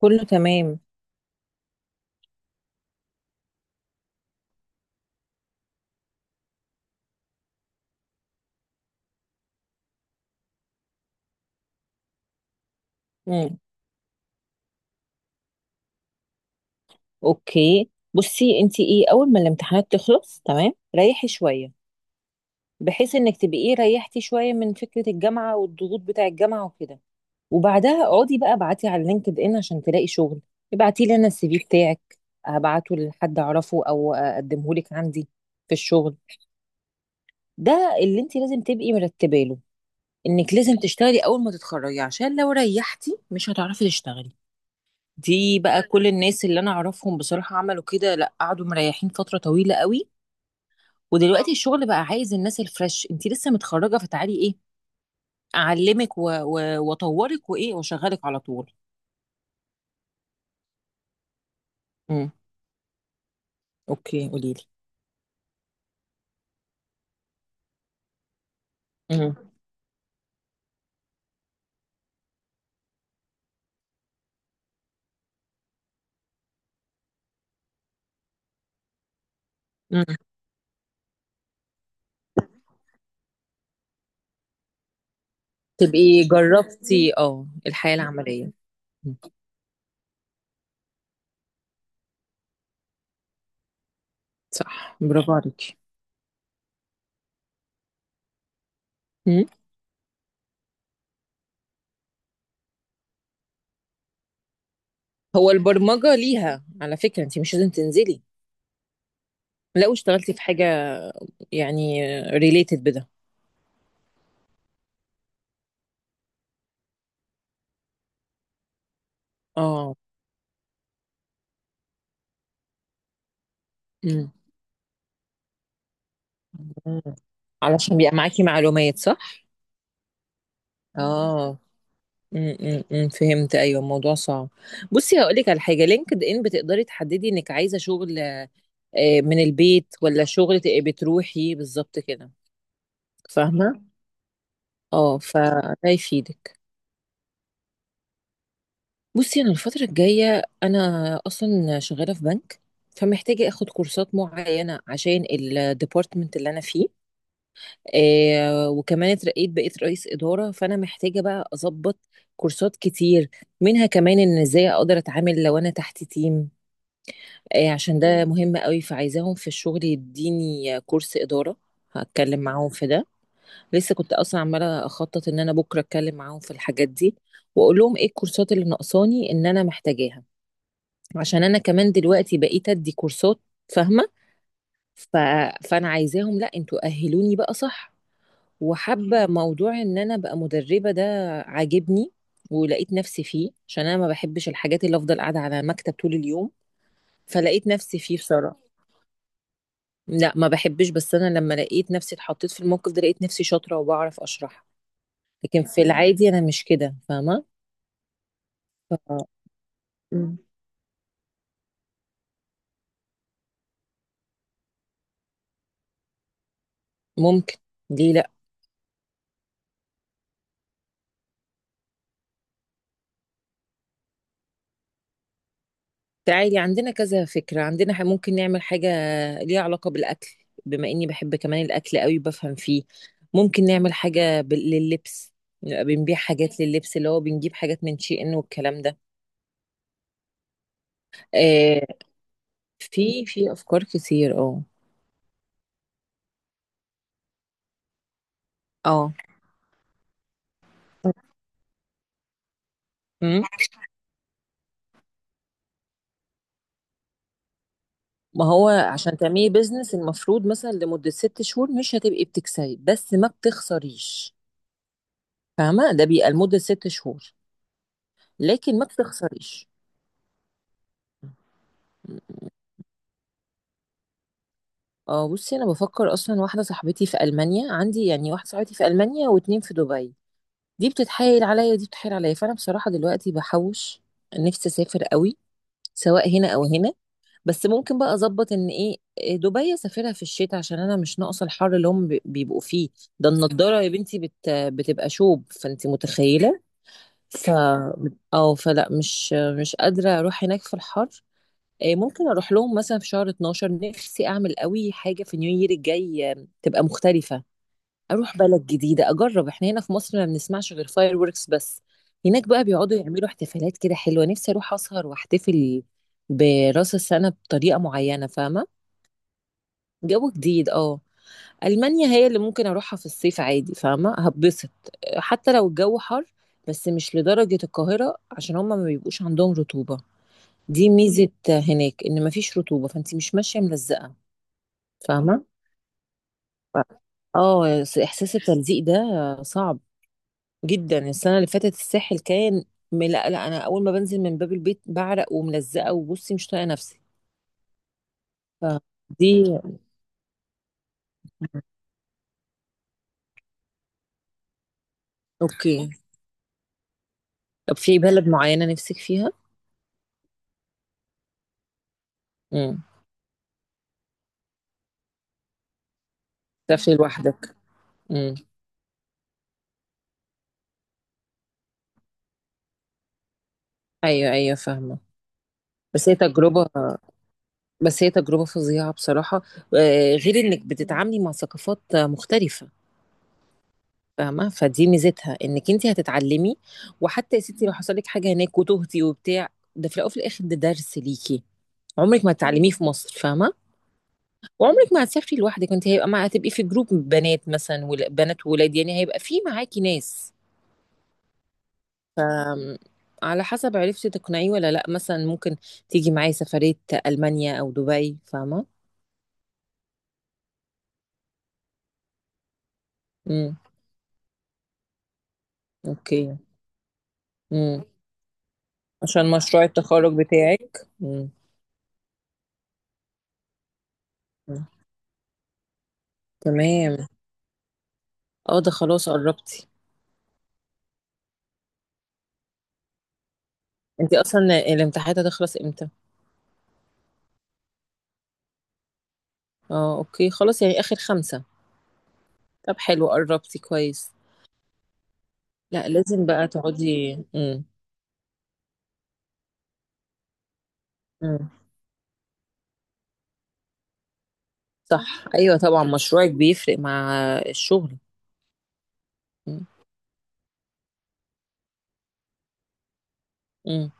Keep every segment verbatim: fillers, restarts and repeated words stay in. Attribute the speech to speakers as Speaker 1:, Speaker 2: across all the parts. Speaker 1: كله تمام. مم. اوكي، بصي انت ايه؟ اول ما الامتحانات تخلص تمام ريحي شويه، بحيث انك تبقي ايه، ريحتي شويه من فكره الجامعه والضغوط بتاع الجامعه وكده. وبعدها اقعدي بقى ابعتي على لينكد ان عشان تلاقي شغل. ابعتي لي انا السي في بتاعك، ابعته لحد اعرفه او اقدمه لك عندي في الشغل. ده اللي انت لازم تبقي مرتبه له، انك لازم تشتغلي اول ما تتخرجي عشان لو ريحتي مش هتعرفي تشتغلي. دي بقى كل الناس اللي انا اعرفهم بصراحة عملوا كده، لا قعدوا مريحين فترة طويلة قوي. ودلوقتي الشغل بقى عايز الناس الفريش، انت لسه متخرجة فتعالي ايه اعلمك و... و... واطورك وايه واشغلك على طول. امم، اوكي قولي لي. امم. امم. تبقي جربتي اه الحياة العملية. مم. صح، برافو عليكي. مم. هو البرمجة ليها على فكرة، انت مش لازم تنزلي لو اشتغلتي في حاجة يعني ريليتد بده. اه. مم. علشان بيبقى معاكي معلومات صح؟ مم. اه، امم، فهمت، ايوه الموضوع صعب. بصي هقول لك على حاجه، لينكد ان بتقدري تحددي انك عايزه شغل آه، من البيت، ولا شغل تبقي بتروحي بالظبط كده، فاهمه؟ اه فده يفيدك. بصي انا الفتره الجايه انا اصلا شغاله في بنك، فمحتاجه اخد كورسات معينه عشان الديبارتمنت اللي انا فيه. آه وكمان اترقيت بقيت رئيس إدارة فأنا محتاجة بقى أظبط كورسات كتير، منها كمان إن إزاي أقدر أتعامل لو أنا تحت تيم. آه عشان ده مهم قوي، فعايزاهم في الشغل يديني كورس إدارة. هتكلم معاهم في ده. لسه كنت أصلا عمالة أخطط إن أنا بكرة أتكلم معاهم في الحاجات دي، وأقول لهم إيه الكورسات اللي ناقصاني إن أنا محتاجاها، عشان أنا كمان دلوقتي بقيت أدي كورسات، فاهمة؟ ف... فأنا عايزاهم، لأ أنتوا أهلوني بقى صح. وحابة موضوع ان انا ابقى مدربة ده، عاجبني ولقيت نفسي فيه، عشان انا ما بحبش الحاجات اللي افضل قاعدة على مكتب طول اليوم. فلقيت نفسي فيه بصراحة. لا ما بحبش، بس انا لما لقيت نفسي اتحطيت في الموقف ده لقيت نفسي شاطرة وبعرف اشرح. لكن في العادي انا مش كده، فاهمة؟ ف- ممكن، ليه لا؟ تعالي عندنا كذا فكرة عندنا، ح- ممكن نعمل حاجة ليها علاقة بالأكل، بما إني بحب كمان الأكل قوي بفهم فيه. ممكن نعمل حاجة بال- لللبس، نبقى بنبيع حاجات لللبس اللي هو بنجيب حاجات من شي إن والكلام ده. آه، في في أفكار كتير اه. اه، أمم. ما هو عشان تعملي بيزنس المفروض مثلا لمدة ست شهور مش هتبقي بتكسبي بس ما بتخسريش. فاهمة؟ ده بيبقى لمدة ست شهور، لكن ما بتخسريش. اه، بصي انا بفكر اصلا، واحده صاحبتي في المانيا، عندي يعني واحده صاحبتي في المانيا واتنين في دبي. دي بتتحايل عليا ودي بتتحايل عليا، فانا بصراحه دلوقتي بحوش، نفسي اسافر قوي سواء هنا او هنا. بس ممكن بقى اظبط ان ايه، إيه، دبي اسافرها في الشتاء عشان انا مش ناقصه الحر اللي هم بي- بيبقوا فيه. ده النضاره يا بنتي، بت بتبقى شوب، فانت متخيله. ف او فلا، مش مش قادره اروح هناك في الحر. آه، ممكن اروح لهم مثلا في شهر اتناشر. نفسي اعمل قوي حاجه في نيو يير الجاي، آه، تبقى مختلفه، اروح بلد جديده اجرب. احنا هنا في مصر ما بنسمعش غير فاير وركس بس. هناك بقى بيقعدوا يعملوا احتفالات كده حلوه، نفسي اروح اسهر واحتفل براس السنه بطريقه معينه، فاهمه؟ جو جديد اه. المانيا هي اللي ممكن اروحها في الصيف عادي، فاهمه؟ هبسط آه، حتى لو الجو حر، بس مش لدرجه القاهره عشان هما ما بيبقوش عندهم رطوبه. دي ميزة هناك ان مفيش رطوبة، فانت مش ماشية ملزقة، فاهمة؟ ف- اه س- احساس التلزيق ده صعب جدا. السنة اللي فاتت الساحل كان م- لا لا، انا اول ما بنزل من باب البيت بعرق وملزقة وبصي مش طايقة نفسي. فدي. اوكي. طب في بلد معينة نفسك فيها؟ امم. تسافري لوحدك. امم. ايوه ايوه فاهمة. بس هي تجربة، بس هي تجربة فظيعة بصراحة. آه، غير انك بتتعاملي مع ثقافات مختلفة، فاهمة؟ فدي ميزتها انك انت هتتعلمي. وحتى يا ستي لو حصل لك حاجة هناك وتهتي وبتاع، ده في الاول وفي الاخر ده درس ليكي عمرك ما هتتعلميه في مصر، فاهمة؟ وعمرك ما هتسافري لوحدك، انت هيبقى مع، هتبقي في جروب بنات مثلا ولا- بنات وولاد، يعني هيبقى في معاكي ناس. ف على حسب عرفتي تقنعيه ولا لا. مثلا ممكن تيجي معايا سفرية ألمانيا أو دبي، فاهمة؟ امم. اوكي. امم. عشان مشروع التخرج بتاعك. امم. تمام. اه ده خلاص قربتي. أنتِ أصلًا الامتحانات هتخلص إمتى؟ آه، أوكي، خلاص يعني آخر خمسة. طب حلو قرّبتِ كويس. لأ، لازم بقى تقعدي. إمم. إمم. صح، أيوه طبعًا مشروعِك بيفرق مع الشغل. إمم. إمم.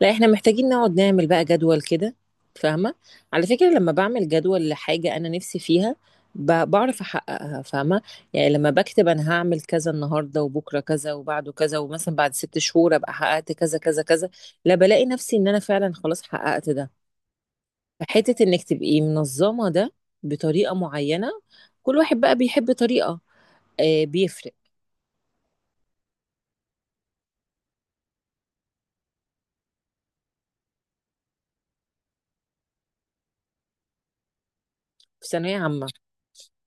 Speaker 1: لأ إحنا محتاجين نقعد نعمل بقى جدول كده، فاهمة؟ على فكرة لمّا باعمل جدول لحاجة أنا نِفْسي فيها ب باعرف أحققها، فاهمة؟ يعني لمّا باكتب أنا هاعمل كذا النهارده وبُكرة كذا وبعده كذا، ومثلًا بعد 6 شهور أبقى حققت كذا، كذا، كذا، لأ بالاقي نَفْسي إن أنا فعلًا خلاص حققت ده. حتة انك تبقي منظمة ده بطريقة معينة، كل واحد بقى بيحب طريقة، آه بيفرق. في ثانوية عامة،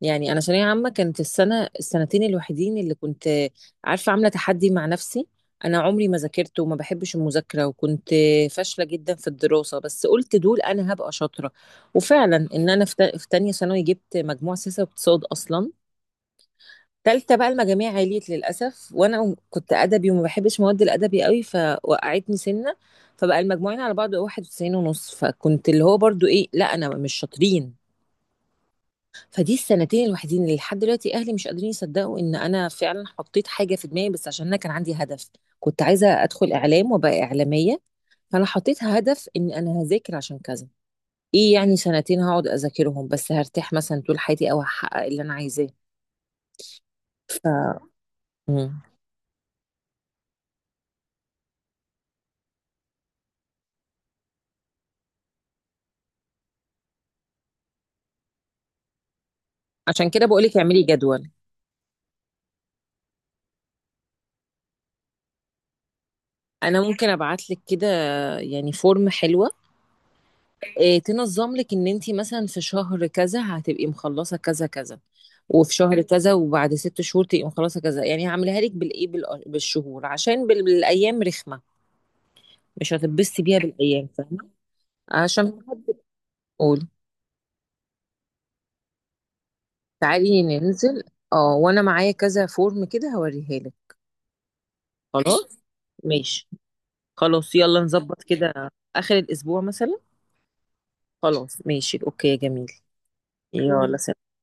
Speaker 1: يعني انا ثانوية عامة كانت السنة، السنتين الوحيدين اللي كنت آه، عارفة، عاملة تحدي مع نفسي. انا عمري ما ذاكرت وما بحبش المذاكرة، وكنت آه، فاشلة جدا في الدراسة، بس قلت دول انا هبقى شاطرة. وفعلا ان انا في تا- في تانية ثانوي جبت مجموع سياسة واقتصاد اصلا. تالتة بقى المجاميع عليت للأسف، وأنا كنت أدبي وما بحبش مواد الأدبي قوي فوقعتني سنة. فبقى المجموعين على بعض واحد وتسعين ونص، فكنت اللي هو برضو إيه، لا أنا مش شاطرين. فدي السنتين الوحيدين اللي لحد دلوقتي أهلي مش قادرين يصدقوا إن أنا فعلا حطيت حاجة في دماغي، بس عشان أنا كان عندي هدف. كنت عايزة أدخل إعلام وأبقى إعلامية، فأنا حطيت هدف إن أنا هذاكر عشان كذا. إيه يعني سنتين هقعد أذاكرهم، بس هرتاح مثلا طول حياتي أو هحقق اللي أنا عايزاه. ف... عشان كده بقولك اعملي جدول. انا ممكن ابعت لك كده يعني فورم حلوه، إيه تنظم لك ان انت مثلا في شهر كذا هتبقي مخلصه كذا كذا، وفي شهر كذا وبعد ست شهور تبقي مخلصه كذا. يعني هعملها لك بالايه بال- بالشهور عشان بال- بالايام رخمه، مش هتتبسطي بيها بالايام، فاهمه؟ عشان، قول. تعالي ننزل. اه وانا معايا كذا فورم كده هوريها لك. خلاص ماشي. خلاص يلا نظبط كده. اخر الاسبوع مثلا. خلاص ماشي اوكي يا جميل. يلا سلام.